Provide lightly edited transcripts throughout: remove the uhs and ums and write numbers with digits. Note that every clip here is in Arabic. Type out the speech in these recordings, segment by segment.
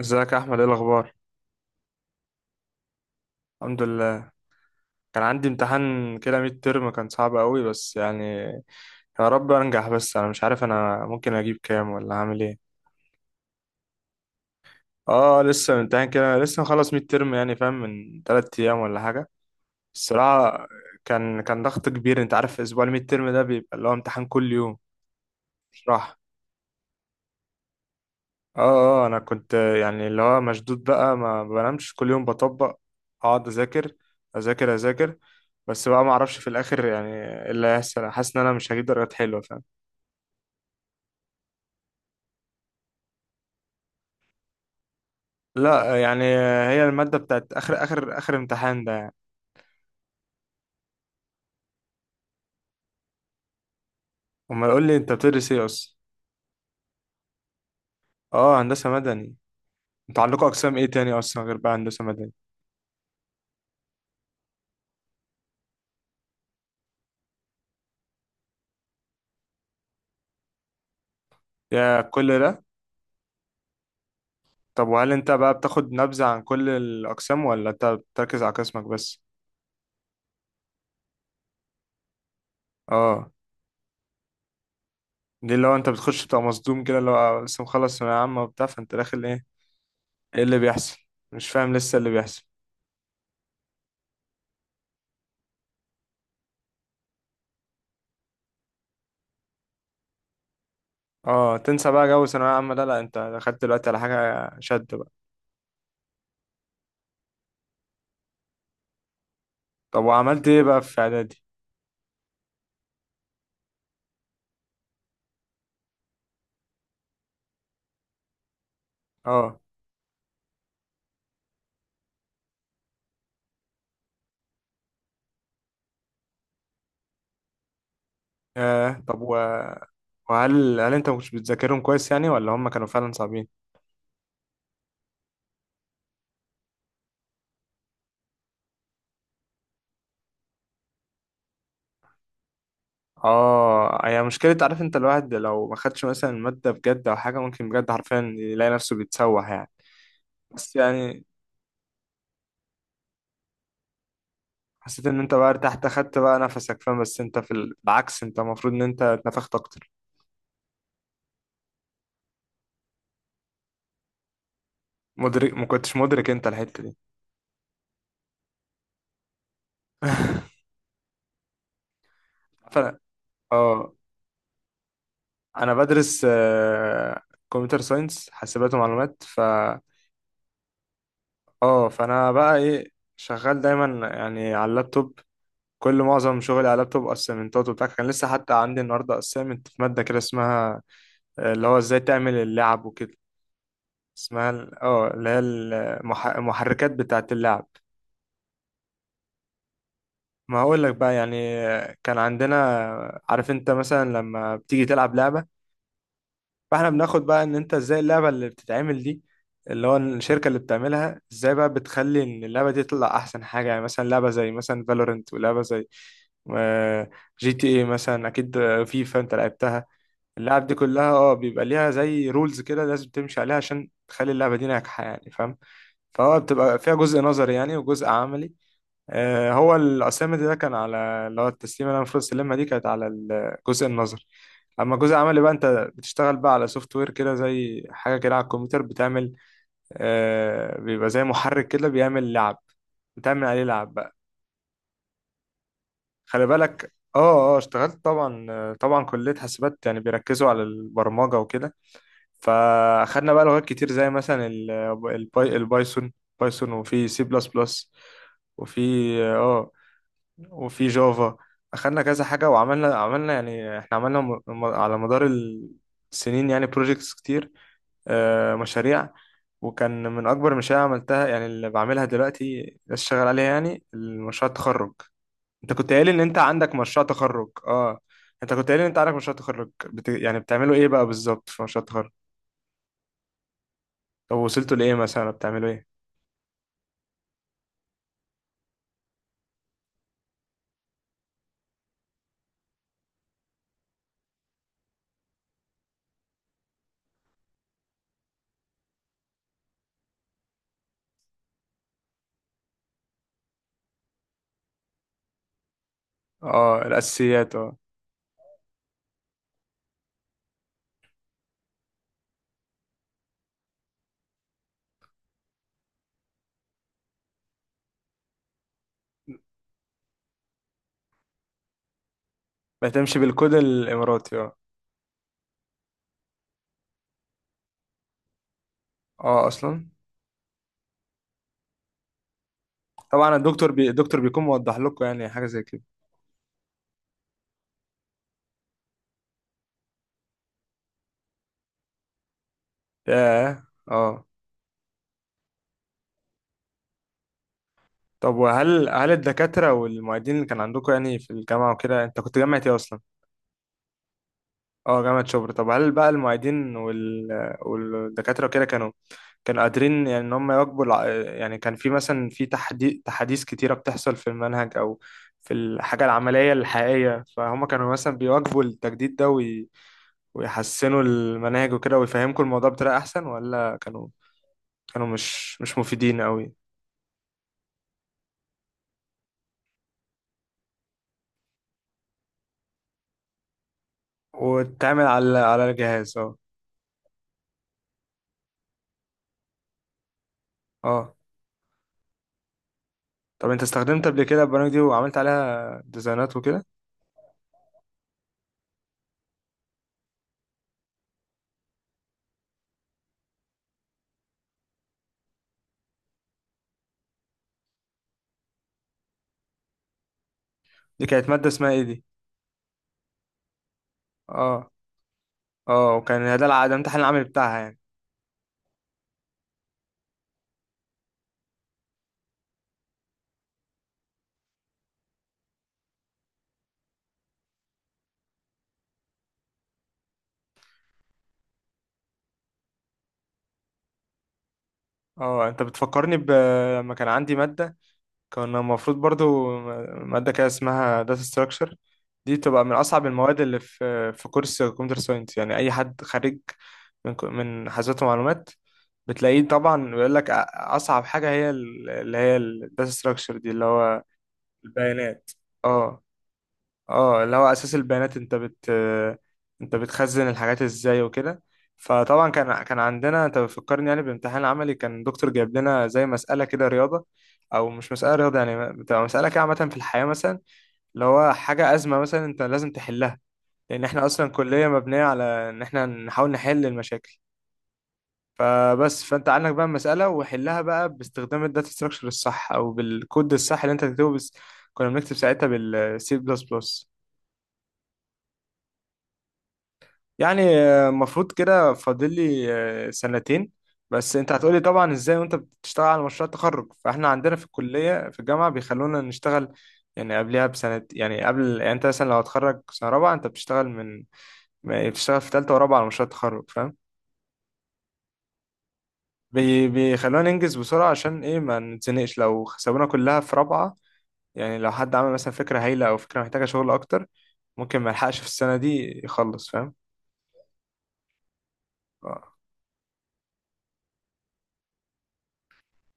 ازيك يا احمد، ايه الاخبار؟ الحمد لله. كان عندي امتحان كده ميد ترم، كان صعب قوي بس يعني. يا رب انجح، بس انا مش عارف انا ممكن اجيب كام ولا هعمل ايه. اه، لسه امتحان كده لسه مخلص ميد ترم يعني فاهم، من 3 ايام ولا حاجه الصراحه. كان ضغط كبير، انت عارف اسبوع الميد ترم ده بيبقى اللي هو امتحان كل يوم. مش راحه. اه، اه. انا كنت يعني اللي هو مشدود بقى ما بنامش، كل يوم بطبق، اقعد اذاكر اذاكر اذاكر. بس بقى ما اعرفش في الاخر يعني إيه اللي هيحصل، حاسس ان انا مش هجيب درجات حلوه فاهم. لا يعني، هي الماده بتاعت اخر اخر اخر امتحان ده يعني. امال يقول لي انت بتدرس ايه اصلا؟ اه، هندسه مدني. انتوا عندكم اقسام ايه تاني اصلا غير بقى هندسه مدني؟ يا كل ده. طب وهل انت بقى بتاخد نبذه عن كل الاقسام ولا انت بتركز على قسمك بس؟ اه، دي اللي هو انت بتخش بتبقى مصدوم كده اللي هو لسه مخلص ثانوية عامة وبتاع فانت داخل ايه؟ ايه اللي بيحصل؟ مش فاهم لسه اللي بيحصل. اه، تنسى بقى جو ثانوية عامة ده، لا انت دخلت دلوقتي على حاجة شد بقى. طب وعملت ايه بقى في اعدادي؟ اه. طب وهل هل انت مش بتذاكرهم كويس يعني ولا هم كانوا فعلا صعبين؟ اه، هي مشكلة، عارف انت الواحد لو ما خدش مثلا المادة بجد او حاجة ممكن بجد حرفيا يلاقي نفسه بيتسوح يعني. بس يعني حسيت ان انت بقى ارتحت خدت بقى نفسك فاهم، بس انت في بالعكس انت المفروض ان انت اتنفخت اكتر. ما كنتش مدرك انت الحتة دي. فانا اه انا بدرس كمبيوتر ساينس حاسبات ومعلومات اه، فانا بقى ايه شغال دايما يعني على اللابتوب. معظم شغلي على اللابتوب، اسايمنتات وبتاع، كان لسه حتى عندي النهارده اسايمنت في ماده كده اسمها اللي هو ازاي تعمل اللعب وكده. اسمها اللي هي المحركات بتاعه اللعب. ما هقول لك بقى يعني، كان عندنا، عارف انت مثلا لما بتيجي تلعب لعبة، فاحنا بناخد بقى ان انت ازاي اللعبة اللي بتتعمل دي، اللي هو الشركة اللي بتعملها ازاي بقى بتخلي ان اللعبة دي تطلع احسن حاجة يعني مثلا لعبة زي مثلا فالورنت ولعبة زي جي تي اي مثلا، اكيد فيفا انت لعبتها. اللعب دي كلها بيبقى ليها زي رولز كده لازم تمشي عليها عشان تخلي اللعبة دي ناجحة يعني فاهم، فهو بتبقى فيها جزء نظري يعني وجزء عملي. هو الأسامة ده كان على اللي هو التسليمة اللي أنا المفروض أسلمها دي كانت على الجزء النظري. أما الجزء العملي بقى أنت بتشتغل بقى على سوفت وير كده زي حاجة كده على الكمبيوتر بتعمل. بيبقى زي محرك كده بيعمل لعب، بتعمل عليه لعب بقى. خلي بالك، اشتغلت طبعا، طبعا كلية حاسبات يعني بيركزوا على البرمجة وكده. فأخدنا بقى لغات كتير زي مثلا البايثون. بايثون، وفي سي بلس بلس، وفي اه آه، وفي جافا. اخدنا كذا حاجة، وعملنا يعني احنا عملنا على مدار السنين يعني بروجيكتس كتير، مشاريع. وكان من اكبر المشاريع اللي عملتها، يعني اللي بعملها دلوقتي لسه شغال عليها، يعني المشروع التخرج. انت كنت قايل ان انت عندك مشروع تخرج اه. انت كنت قايل ان انت عندك مشروع تخرج يعني بتعملوا ايه بقى بالظبط في مشروع التخرج؟ طب وصلتوا لايه، مثلا بتعملوا ايه؟ اه، الاساسيات اه. بتمشي بالكود الاماراتي اه. اه اصلا. طبعا، الدكتور بيكون موضح لكم يعني حاجة زي كده. ياه. اه. طب وهل هل الدكاترة والمعيدين اللي كان عندكم يعني في الجامعة وكده، انت كنت جامعة ايه اصلا؟ اه، جامعة شبرا. طب هل بقى المعيدين والدكاترة وكده كانوا قادرين يعني ان هم يواكبوا يعني كان في مثلا في تحديث كتيرة بتحصل في المنهج او في الحاجة العملية الحقيقية، فهم كانوا مثلا بيواكبوا التجديد ده ويحسنوا المناهج وكده ويفهمكم الموضوع بطريقة احسن، ولا كانوا مش مفيدين قوي؟ واتعمل على الجهاز اه. اه طب انت استخدمت قبل كده البرامج دي وعملت عليها ديزاينات وكده؟ دي كانت مادة اسمها ايه دي؟ اه. اه، وكان ده الامتحان العملي بتاعها يعني. اه انت بتفكرني لما كان عندي مادة، كان المفروض برضو مادة كده اسمها داتا ستراكشر، دي بتبقى من أصعب المواد اللي في كورس كمبيوتر ساينس. يعني أي حد خارج من حاسبات ومعلومات بتلاقيه طبعا بيقول لك أصعب حاجة هي اللي هي الداتا ستراكشر دي اللي هو البيانات اه. اه، اللي هو اساس البيانات، انت بتخزن الحاجات ازاي وكده. فطبعا كان عندنا، انت بتفكرني يعني بامتحان عملي، كان دكتور جايب لنا زي مسألة كده رياضة، او مش مسألة رياضة يعني، بتبقى مسألة كده عامة في الحياة مثلا، اللي هو حاجة أزمة مثلا انت لازم تحلها، لان احنا اصلا كلية مبنية على ان احنا نحاول نحل المشاكل. فبس فانت عندك بقى المسألة، وحلها بقى باستخدام الداتا ستراكشر الصح او بالكود الصح اللي انت تكتبه بس. كنا بنكتب ساعتها بالسي بلس بلس. يعني المفروض كده فاضل لي سنتين. بس انت هتقولي طبعا ازاي وانت بتشتغل على مشروع التخرج، فاحنا عندنا في الكلية في الجامعة بيخلونا نشتغل، يعني قبلها بسنة يعني قبل يعني انت مثلا لو هتخرج سنة رابعة انت بتشتغل من بتشتغل في تالتة ورابعة على مشروع التخرج فاهم. بيخلونا ننجز بسرعة عشان ايه ما نتزنقش لو سابونا كلها في رابعة. يعني لو حد عمل مثلا فكرة هايلة او فكرة محتاجة شغل اكتر ممكن ما يلحقش في السنة دي يخلص فاهم.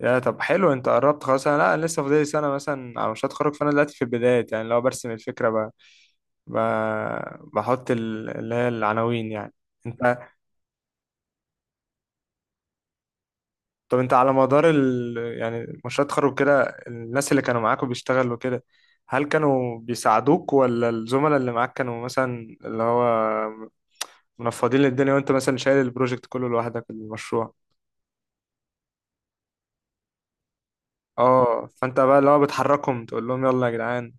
يا طب حلو انت قربت خلاص، انا لا انا لسه فاضلي سنه مثلا على مشروع التخرج، فانا دلوقتي في البدايات يعني لو برسم الفكره ب... بحط اللي هي العناوين يعني. انت. طب انت على مدار يعني مشروع التخرج كده، الناس اللي كانوا معاك وبيشتغلوا كده، هل كانوا بيساعدوك ولا الزملاء اللي معاك كانوا مثلا اللي هو منفضين الدنيا وانت مثلا شايل البروجكت كله لوحدك المشروع؟ اه، فانت بقى اللي هو بتحركهم تقول لهم يلا يا جدعان.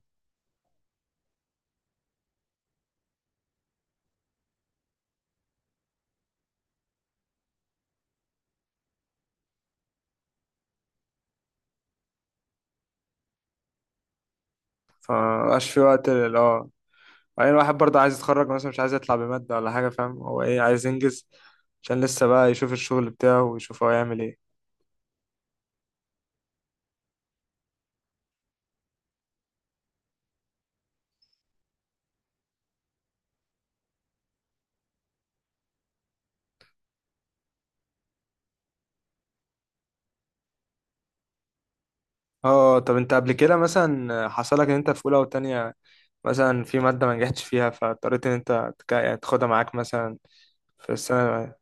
فمبقاش في وقت اه. وبعدين الواحد برضه عايز يتخرج مثلا مش عايز يطلع بمادة ولا حاجة فاهم، هو ايه عايز ينجز عشان لسه بقى يشوف الشغل بتاعه ويشوف هو يعمل ايه. اه، طب انت قبل كده مثلا حصلك ان انت في اولى وتانية مثلا في مادة ما نجحتش فيها فاضطريت ان انت يعني تاخدها معاك مثلا في السنة؟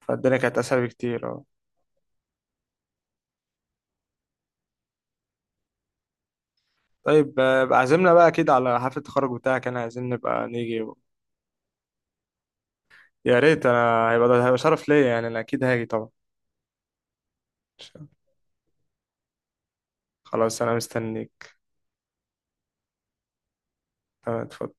فالدنيا كانت اسهل بكتير اه. طيب، بقى عازمنا بقى اكيد على حفلة التخرج بتاعك، انا عايزين نبقى نيجي. يا ريت، انا هيبقى شرف ليا يعني، انا اكيد هاجي طبعا. خلاص انا مستنيك. تمام اتفضل.